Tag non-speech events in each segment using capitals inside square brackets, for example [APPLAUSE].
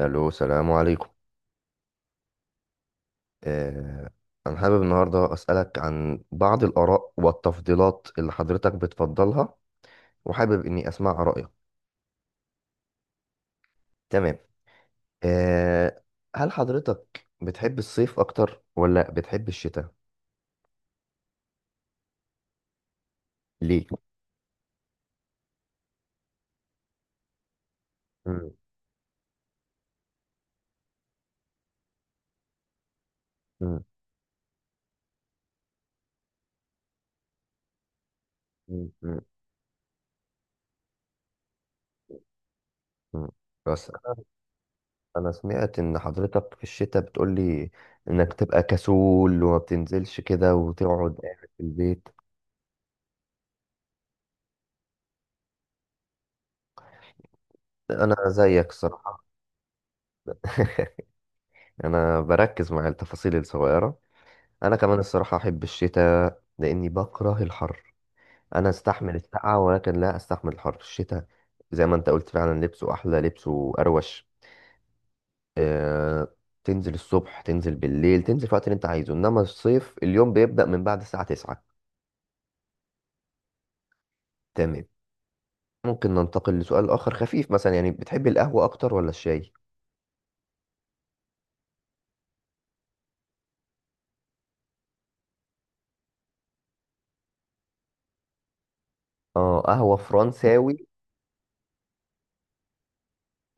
الو، السلام عليكم. آه، انا حابب النهارده اسالك عن بعض الاراء والتفضيلات اللي حضرتك بتفضلها، وحابب اني اسمع رايك. تمام. آه، هل حضرتك بتحب الصيف اكتر ولا بتحب الشتاء؟ ليه؟ مم، مم، مم، مم، مم. بس انا سمعت ان حضرتك في الشتاء بتقولي انك تبقى كسول وما بتنزلش كده وتقعد قاعد في البيت. انا زيك الصراحه. [LAUGHS] انا بركز مع التفاصيل الصغيره. انا كمان الصراحه احب الشتاء لاني بكره الحر. انا استحمل السقعه ولكن لا استحمل الحر. الشتاء زي ما انت قلت فعلا لبسه احلى، لبسه اروش. أه... تنزل الصبح، تنزل بالليل، تنزل في الوقت اللي انت عايزه، انما الصيف اليوم بيبدا من بعد الساعه 9. تمام. ممكن ننتقل لسؤال اخر خفيف. مثلا يعني بتحب القهوه اكتر ولا الشاي؟ اه، قهوه فرنساوي.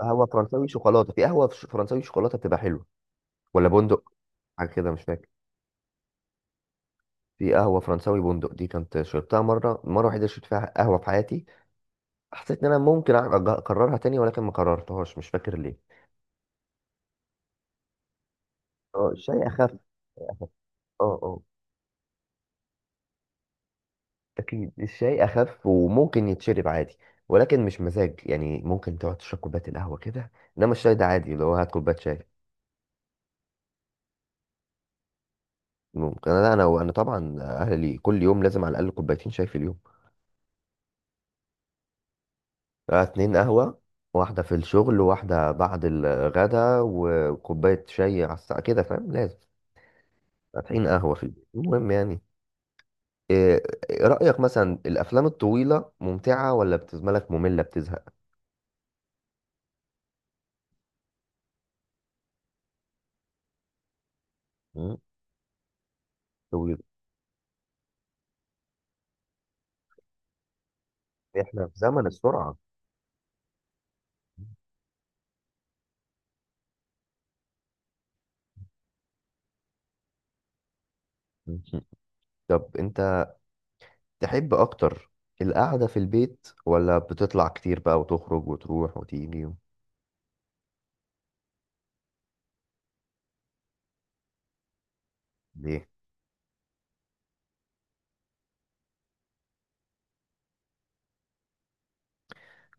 قهوه فرنساوي شوكولاته، في قهوه فرنساوي شوكولاته بتبقى حلوه، ولا بندق؟ حاجه كده مش فاكر. في قهوة فرنساوي بندق دي كنت شربتها مرة، مرة وحيدة شربت فيها قهوة في حياتي. حسيت إن أنا ممكن أكررها تاني ولكن ما كررتهاش، مش فاكر ليه. اه الشاي أخف، الشاي أخف. اه، اه، أكيد الشاي أخف وممكن يتشرب عادي، ولكن مش مزاج. يعني ممكن تقعد تشرب كوباية القهوة كده، إنما الشاي ده عادي اللي هو هات كوباية شاي. ممكن أنا وأنا طبعا أهلي كل يوم لازم على الأقل كوبايتين شاي في اليوم. 2 قهوة، واحدة في الشغل وواحدة بعد الغدا، وكوباية شاي على الساعة كده، فاهم لازم. فاتحين قهوة في البيت، المهم يعني. إيه، إيه رأيك مثلا الأفلام الطويلة ممتعة ولا بتزملك لك مملة بتزهق؟ مم. طويل. إحنا في زمن السرعة. مم. طب أنت تحب أكتر القعدة في البيت ولا بتطلع كتير بقى وتخرج وتروح وتيجي ليه؟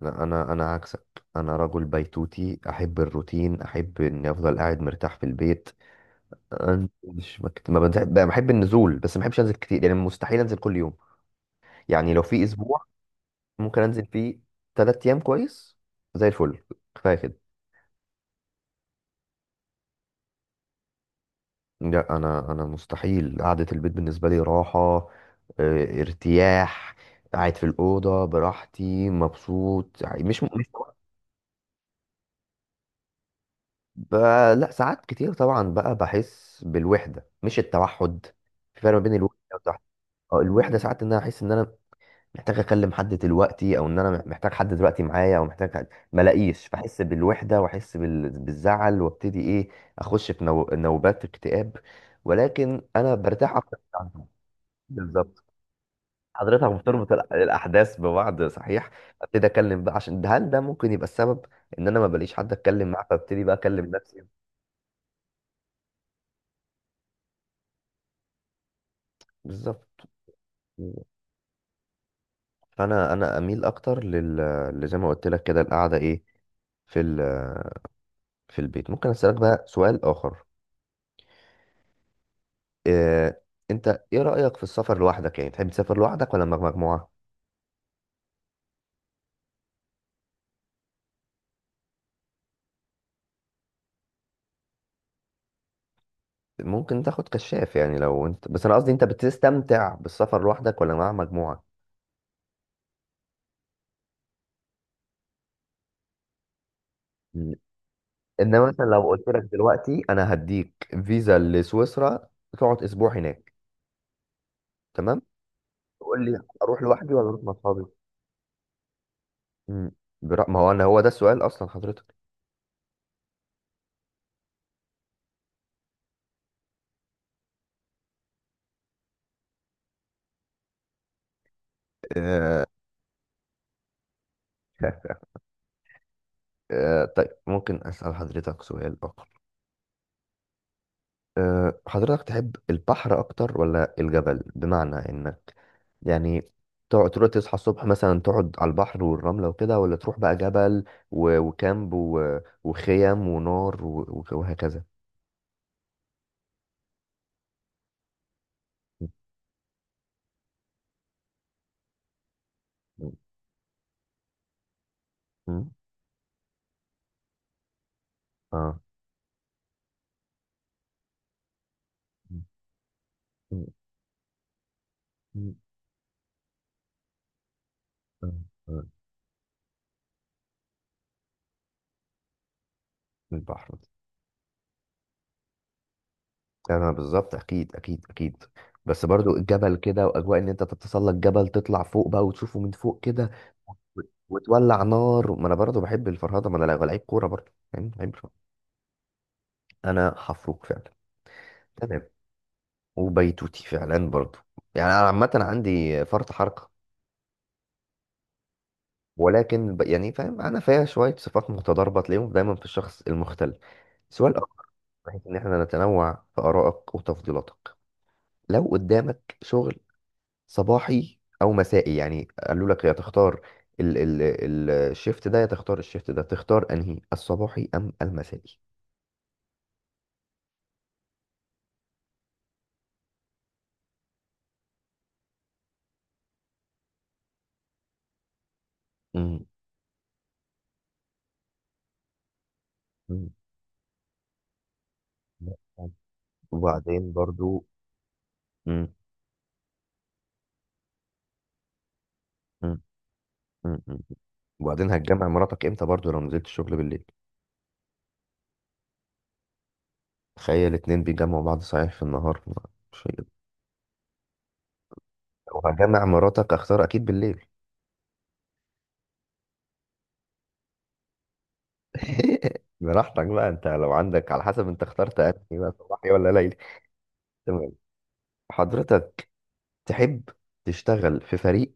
لا، أنا عكسك. أنا رجل بيتوتي، أحب الروتين، أحب إني أفضل قاعد مرتاح في البيت. أنا مش ما بحب النزول، بس ما بحبش أنزل كتير. يعني مستحيل أنزل كل يوم. يعني لو في أسبوع ممكن انزل فيه 3 ايام كويس، زي الفل، كفايه كده. لا انا مستحيل. قعده البيت بالنسبه لي راحه، ارتياح، قاعد في الاوضه براحتي مبسوط يعني. مش ب... لا، ساعات كتير طبعا بقى بحس بالوحده، مش التوحد. في فرق ما بين الوحده والتوحد. الوحده ساعات ان انا احس ان انا محتاج اكلم حد دلوقتي، او ان انا محتاج حد دلوقتي معايا، او محتاج حد ملاقيش، بحس بالوحده واحس بالزعل وابتدي ايه، اخش في نوبات اكتئاب، ولكن انا برتاح اكتر عنهم. بالظبط. حضرتك بتربط الاحداث ببعض، صحيح. ابتدي اكلم بقى عشان ده. هل ده ممكن يبقى السبب، ان انا ما بلاقيش حد اتكلم معاه فابتدي بقى اكلم نفسي؟ بالظبط. فانا اميل اكتر لزي ما قلت لك كده، القعده ايه، في ال... في البيت. ممكن اسالك بقى سؤال اخر؟ إيه، انت ايه رأيك في السفر لوحدك، يعني تحب تسافر لوحدك ولا مع مجموعة؟ ممكن تاخد كشاف. يعني لو انت، بس انا قصدي انت بتستمتع بالسفر لوحدك ولا مع مجموعة؟ م. انما مثلا لو قلت لك دلوقتي انا هديك فيزا لسويسرا تقعد اسبوع هناك، تمام، تقول لي اروح لوحدي ولا اروح مع اصحابي؟ م. ما هو انا هو ده السؤال اصلا، حضرتك. آه، [LAUGHS] طيب ممكن أسأل حضرتك سؤال آخر؟ حضرتك تحب البحر أكتر ولا الجبل؟ بمعنى إنك يعني تقعد تروح تصحى الصبح مثلا تقعد على البحر والرملة وكده، ولا تروح بقى جبل وكامب وخيم ونار وهكذا؟ م-، م-، اه، م-، م-، م-، آه. آه. البحر. يعني انا بالظبط، اكيد اكيد اكيد. بس برضو الجبل كده، واجواء ان انت تتسلق جبل، تطلع فوق بقى وتشوفه من فوق كده، و- وتولع نار. ما انا برضو بحب الفرهده، ما انا لعيب، لعيب كوره برضو، يعني بحب الفرهدة. انا حفروك فعلا. تمام وبيتوتي فعلا برضو. يعني انا عامه عندي فرط حركه، ولكن يعني فاهم انا فيها شويه صفات متضاربه، تلاقيهم دايما في الشخص المختل. سؤال اخر، بحيث ان احنا نتنوع في ارائك وتفضيلاتك. لو قدامك شغل صباحي او مسائي، يعني قالوا لك يا تختار الشيفت ده يا تختار الشيفت ده، تختار انهي، الصباحي ام المسائي؟ مم. مم. وبعدين برضو. مم. م-، م. م. وبعدين هتجمع مراتك امتى برضو لو نزلت الشغل بالليل؟ تخيل الاتنين بيجمعوا بعض، صحيح، في النهار، مش وهجمع مراتك. اختار اكيد بالليل. [LAUGHS] براحتك بقى، انت لو عندك، على حسب انت اخترت انهي بقى، صباحي ولا ليلي. تمام. حضرتك تحب تشتغل في فريق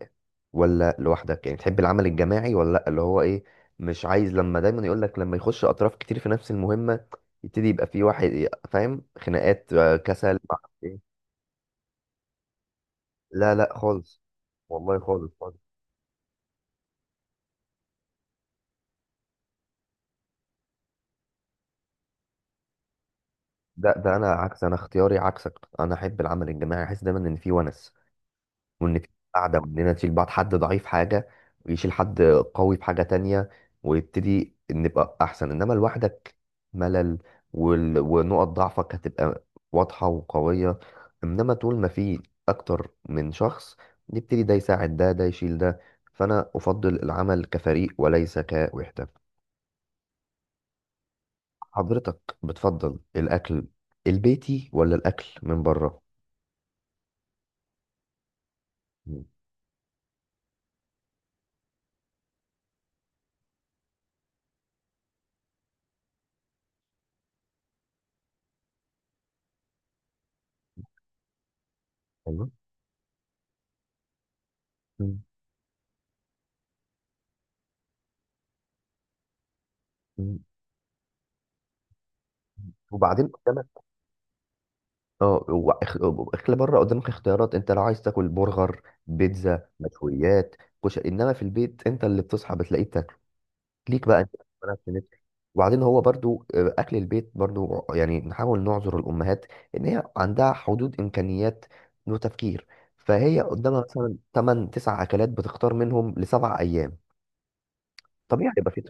ولا لوحدك؟ يعني تحب العمل الجماعي ولا لا، اللي هو ايه، مش عايز لما دايما يقول لك لما يخش اطراف كتير في نفس المهمة يبتدي يبقى في واحد فاهم خناقات، كسل. لا، لا خالص. والله خالص خالص. ده انا عكس، انا اختياري عكسك. انا احب العمل الجماعي، احس دايما ان في ونس، وان في قاعده، واننا نشيل بعض. حد ضعيف في حاجه ويشيل حد قوي في حاجه تانية، ويبتدي نبقى احسن. انما لوحدك ملل، ونقط ضعفك هتبقى واضحه وقويه. انما طول ما في اكتر من شخص، نبتدي ده يساعد ده، ده يشيل ده. فانا افضل العمل كفريق وليس كوحده. حضرتك بتفضل الاكل البيتي ولا الاكل من بره؟ مم. ايوه. مم. مم. وبعدين قدامك، اه هو اكل بره قدامك اختيارات. انت لو عايز تاكل برجر، بيتزا، مشويات، كشري. انما في البيت انت اللي بتصحى بتلاقيه بتاكله، ليك بقى انت مالكش نفس. وبعدين هو برضو اكل البيت برضو، يعني نحاول نعذر الامهات ان هي عندها حدود امكانيات وتفكير. فهي قدامها مثلا 8 9 اكلات، بتختار منهم لسبع ايام. طبيعي يبقى في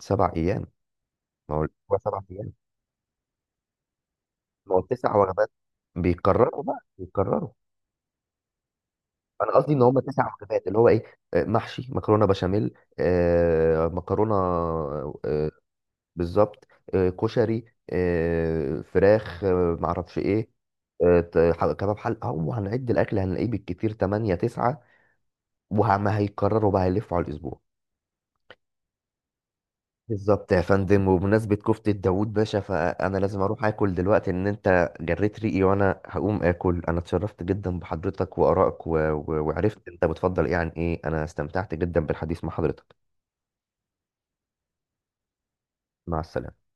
7 أيام. ما هو هو 7 أيام، ما هو 9 وجبات، بيكرروا بقى بيكرروا. أنا قصدي إن هم 9 وجبات اللي هو إيه، محشي، مكرونة بشاميل، مكرونة، آه، بالظبط، كشري، فراخ، معرفش إيه، كباب. حل، أو هنعد الأكل هنلاقيه بالكتير 8 أو 9. وما هيكرروا بقى، هيلفوا على الأسبوع. بالظبط يا فندم. وبمناسبة كفتة داوود باشا، فأنا لازم أروح آكل دلوقتي، إن أنت جريت ريقي وأنا هقوم آكل. أنا اتشرفت جدا بحضرتك وآرائك وعرفت أنت بتفضل إيه عن إيه. أنا استمتعت جدا بالحديث مع حضرتك. مع السلامة.